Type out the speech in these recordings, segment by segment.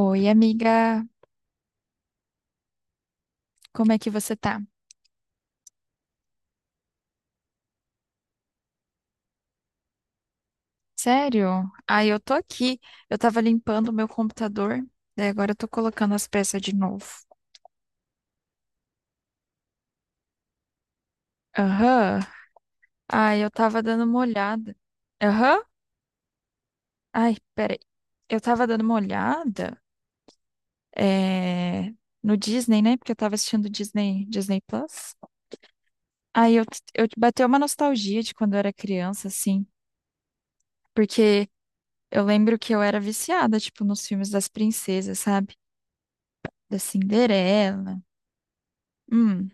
Oi, amiga, como é que você tá? Sério? Ah, eu tô aqui. Eu tava limpando o meu computador, daí agora eu tô colocando as peças de novo. Aham. Ah, eu tava dando uma olhada. Aham. Ai, peraí. Eu tava dando uma olhada é, no Disney, né? Porque eu tava assistindo Disney, Disney Plus. Aí eu, eu bateu uma nostalgia de quando eu era criança, assim. Porque eu lembro que eu era viciada, tipo, nos filmes das princesas, sabe? Da Cinderela. Hum.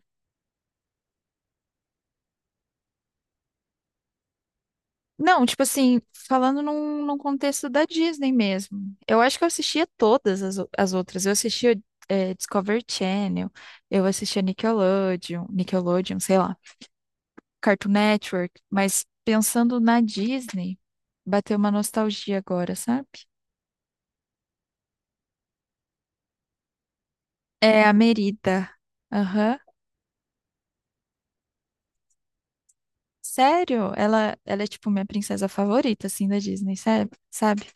Não, tipo assim, falando num contexto da Disney mesmo. Eu acho que eu assistia todas as outras. Eu assistia Discovery Channel, eu assistia Nickelodeon, sei lá, Cartoon Network, mas pensando na Disney, bateu uma nostalgia agora, sabe? É a Merida. Aham. Sério, ela é tipo minha princesa favorita, assim, da Disney, sabe? Sabe?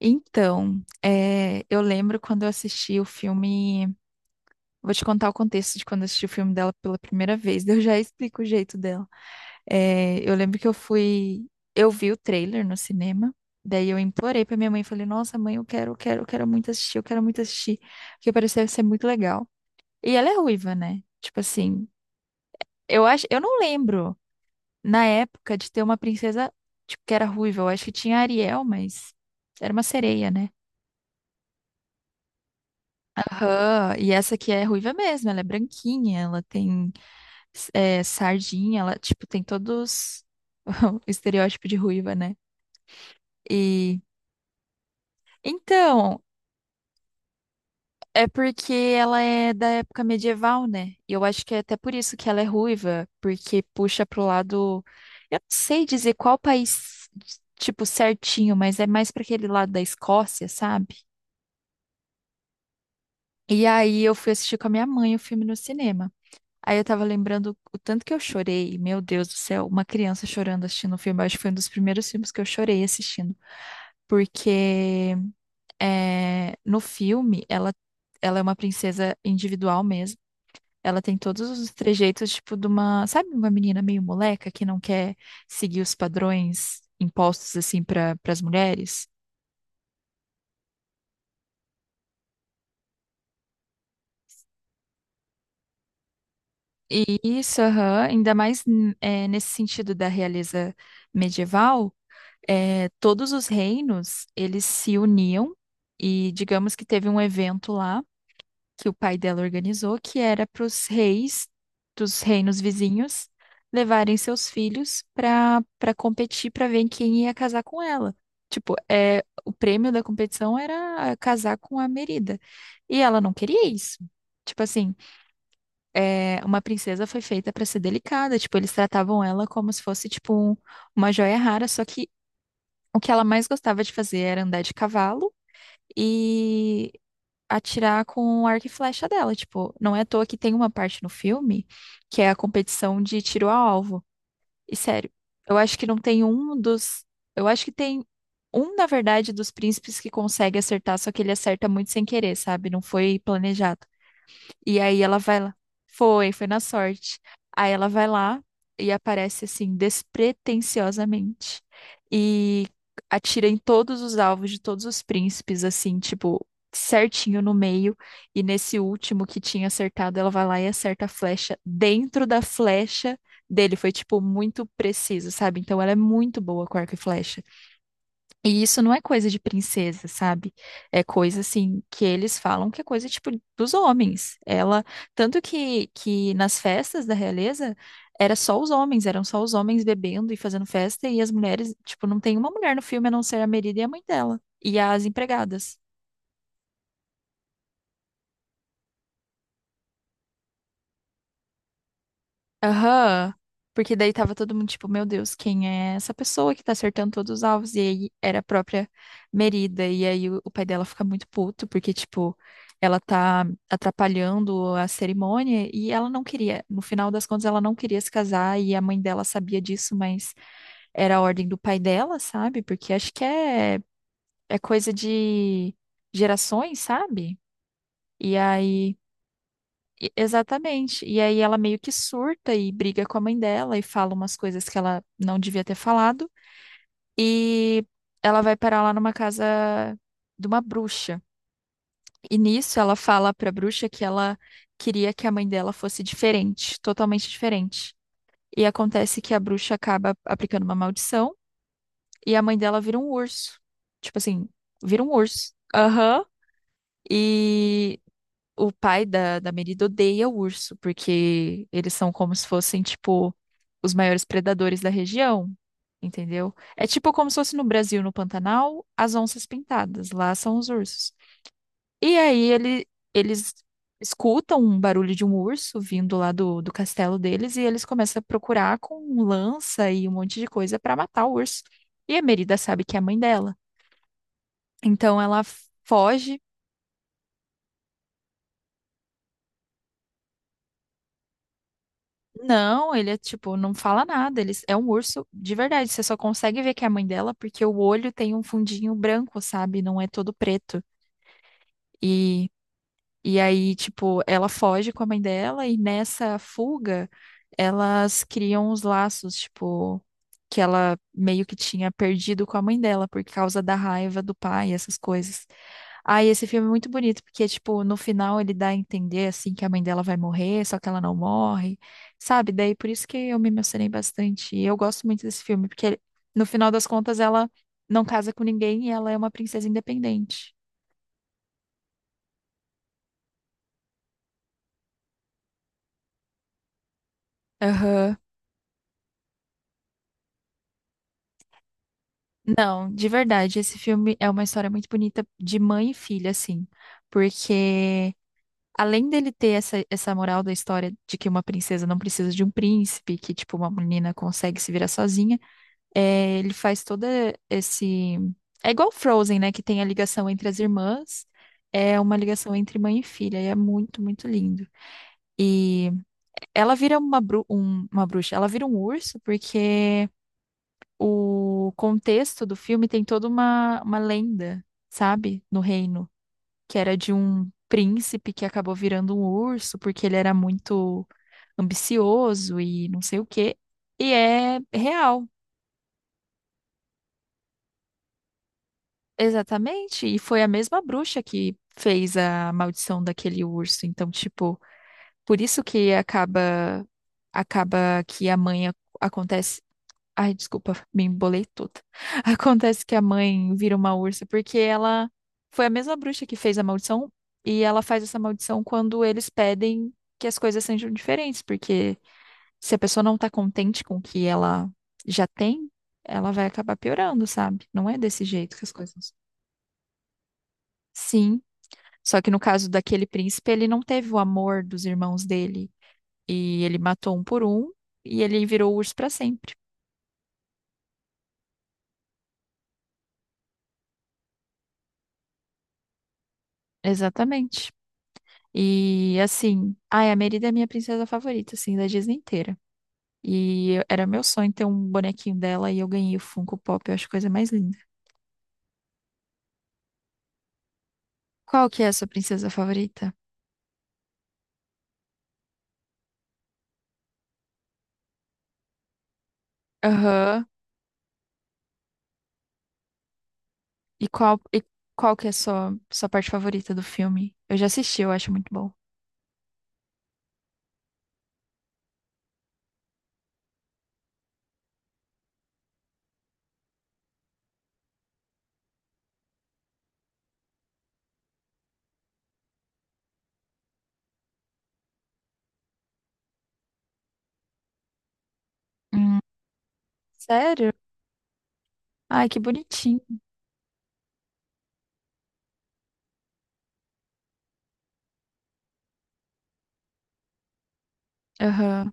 Então, eu lembro quando eu assisti o filme. Vou te contar o contexto de quando eu assisti o filme dela pela primeira vez. Eu já explico o jeito dela. É, eu lembro que eu fui. Eu vi o trailer no cinema. Daí eu implorei pra minha mãe. Falei, nossa, mãe, eu quero muito assistir, eu quero muito assistir. Porque parecia ser muito legal. E ela é ruiva, né? Tipo assim, eu acho. Eu não lembro na época de ter uma princesa tipo, que era ruiva. Eu acho que tinha a Ariel, mas era uma sereia, né? Aham. E essa aqui é ruiva mesmo, ela é branquinha, ela tem sardinha, ela, tipo, tem todos o estereótipo de ruiva, né? E então, é porque ela é da época medieval, né? E eu acho que é até por isso que ela é ruiva, porque puxa pro lado, eu não sei dizer qual país, tipo, certinho, mas é mais para aquele lado da Escócia, sabe? E aí eu fui assistir com a minha mãe o filme no cinema. Aí eu tava lembrando o tanto que eu chorei, meu Deus do céu, uma criança chorando assistindo o filme, eu acho que foi um dos primeiros filmes que eu chorei assistindo. Porque no filme ela é uma princesa individual mesmo. Ela tem todos os trejeitos, tipo, de uma, sabe, uma menina meio moleca que não quer seguir os padrões impostos, assim, para as mulheres? E isso, aham, ainda mais nesse sentido da realeza medieval, é, todos os reinos, eles se uniam e digamos que teve um evento lá que o pai dela organizou, que era para os reis dos reinos vizinhos levarem seus filhos para competir para ver quem ia casar com ela. Tipo, o prêmio da competição era casar com a Merida. E ela não queria isso. Tipo assim, uma princesa foi feita para ser delicada. Tipo, eles tratavam ela como se fosse, tipo, uma joia rara. Só que o que ela mais gostava de fazer era andar de cavalo e atirar com o arco e flecha dela. Tipo, não é à toa que tem uma parte no filme que é a competição de tiro a alvo. E sério, eu acho que não tem um dos. Eu acho que tem um, na verdade, dos príncipes que consegue acertar, só que ele acerta muito sem querer, sabe? Não foi planejado. E aí ela vai lá. Foi na sorte. Aí ela vai lá e aparece assim, despretensiosamente. E atira em todos os alvos de todos os príncipes, assim, tipo, certinho no meio. E nesse último que tinha acertado, ela vai lá e acerta a flecha dentro da flecha dele. Foi, tipo, muito preciso, sabe? Então ela é muito boa com arco e flecha. E isso não é coisa de princesa, sabe? É coisa assim que eles falam que é coisa tipo dos homens. Ela, tanto que nas festas da realeza era só os homens, eram só os homens bebendo e fazendo festa e as mulheres, tipo, não tem uma mulher no filme a não ser a Merida e a mãe dela e as empregadas. Aham. Porque daí tava todo mundo tipo, meu Deus, quem é essa pessoa que tá acertando todos os alvos? E aí era a própria Merida. E aí o pai dela fica muito puto, porque, tipo, ela tá atrapalhando a cerimônia e ela não queria. No final das contas, ela não queria se casar e a mãe dela sabia disso, mas era a ordem do pai dela, sabe? Porque acho que é coisa de gerações, sabe? E aí. Exatamente. E aí ela meio que surta e briga com a mãe dela e fala umas coisas que ela não devia ter falado. E ela vai parar lá numa casa de uma bruxa. E nisso ela fala pra bruxa que ela queria que a mãe dela fosse diferente, totalmente diferente. E acontece que a bruxa acaba aplicando uma maldição e a mãe dela vira um urso. Tipo assim, vira um urso. Aham. E o pai da Merida odeia o urso, porque eles são como se fossem, tipo, os maiores predadores da região, entendeu? É tipo como se fosse no Brasil, no Pantanal, as onças pintadas, lá são os ursos. E aí eles escutam um barulho de um urso vindo lá do castelo deles e eles começam a procurar com lança e um monte de coisa para matar o urso. E a Merida sabe que é a mãe dela. Então ela foge. Não, ele é tipo, não fala nada. Ele é um urso de verdade. Você só consegue ver que é a mãe dela porque o olho tem um fundinho branco, sabe? Não é todo preto. E e aí, tipo, ela foge com a mãe dela e nessa fuga elas criam os laços, tipo, que ela meio que tinha perdido com a mãe dela por causa da raiva do pai, essas coisas. Ah, e esse filme é muito bonito, porque, tipo, no final ele dá a entender, assim, que a mãe dela vai morrer, só que ela não morre, sabe? Daí por isso que eu me emocionei bastante. E eu gosto muito desse filme, porque no final das contas ela não casa com ninguém e ela é uma princesa independente. Aham. Não, de verdade, esse filme é uma história muito bonita de mãe e filha, assim, porque além dele ter essa moral da história de que uma princesa não precisa de um príncipe, que, tipo, uma menina consegue se virar sozinha, é, ele faz todo esse... É igual Frozen, né, que tem a ligação entre as irmãs, é uma ligação entre mãe e filha, e é muito, muito lindo. E ela vira uma bruxa, ela vira um urso porque o contexto do filme tem toda uma lenda, sabe? No reino, que era de um príncipe que acabou virando um urso porque ele era muito ambicioso e não sei o quê. E é real, exatamente. E foi a mesma bruxa que fez a maldição daquele urso. Então, tipo, por isso que acaba que a mãe acontece. Ai, desculpa, me embolei toda. Acontece que a mãe vira uma ursa porque ela foi a mesma bruxa que fez a maldição e ela faz essa maldição quando eles pedem que as coisas sejam diferentes, porque se a pessoa não tá contente com o que ela já tem, ela vai acabar piorando, sabe? Não é desse jeito que as coisas. Sim, só que no caso daquele príncipe, ele não teve o amor dos irmãos dele e ele matou um por um e ele virou urso pra sempre. Exatamente. E assim, ai, a Merida é minha princesa favorita, assim, da Disney inteira. Era meu sonho ter um bonequinho dela e eu ganhei o Funko Pop, eu acho a coisa mais linda. Qual que é a sua princesa favorita? Aham. E qual que é a sua parte favorita do filme? Eu já assisti, eu acho muito bom. Hum, sério? Ai, que bonitinho. Aham.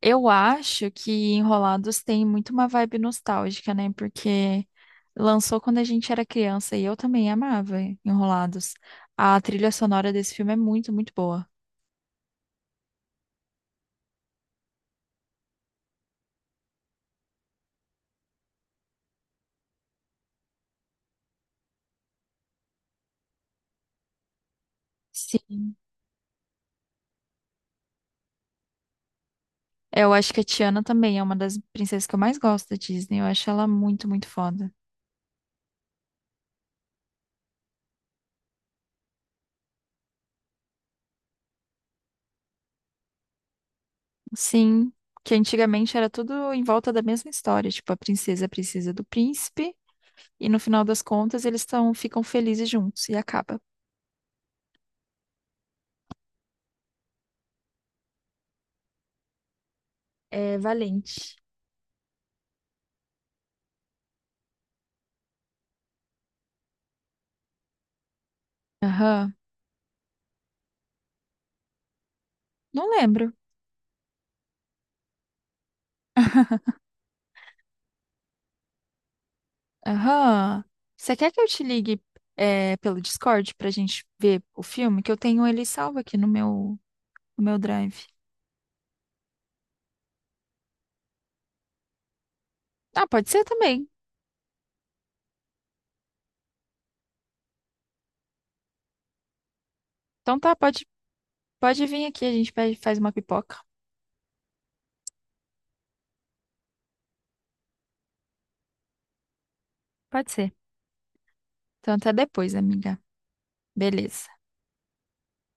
Eu acho que Enrolados tem muito uma vibe nostálgica, né? Porque lançou quando a gente era criança e eu também amava Enrolados. A trilha sonora desse filme é muito, muito boa. Sim. Eu acho que a Tiana também é uma das princesas que eu mais gosto da Disney. Eu acho ela muito, muito foda. Sim, que antigamente era tudo em volta da mesma história, tipo, a princesa precisa do príncipe e no final das contas eles tão, ficam felizes juntos e acaba. É valente. Aham. Não lembro. Aham. Você quer que eu te ligue pelo Discord pra gente ver o filme? Que eu tenho ele salvo aqui no meu, no meu Drive. Ah, pode ser também. Então tá, pode, pode vir aqui, a gente pede- faz uma pipoca. Pode ser. Então até depois, amiga. Beleza.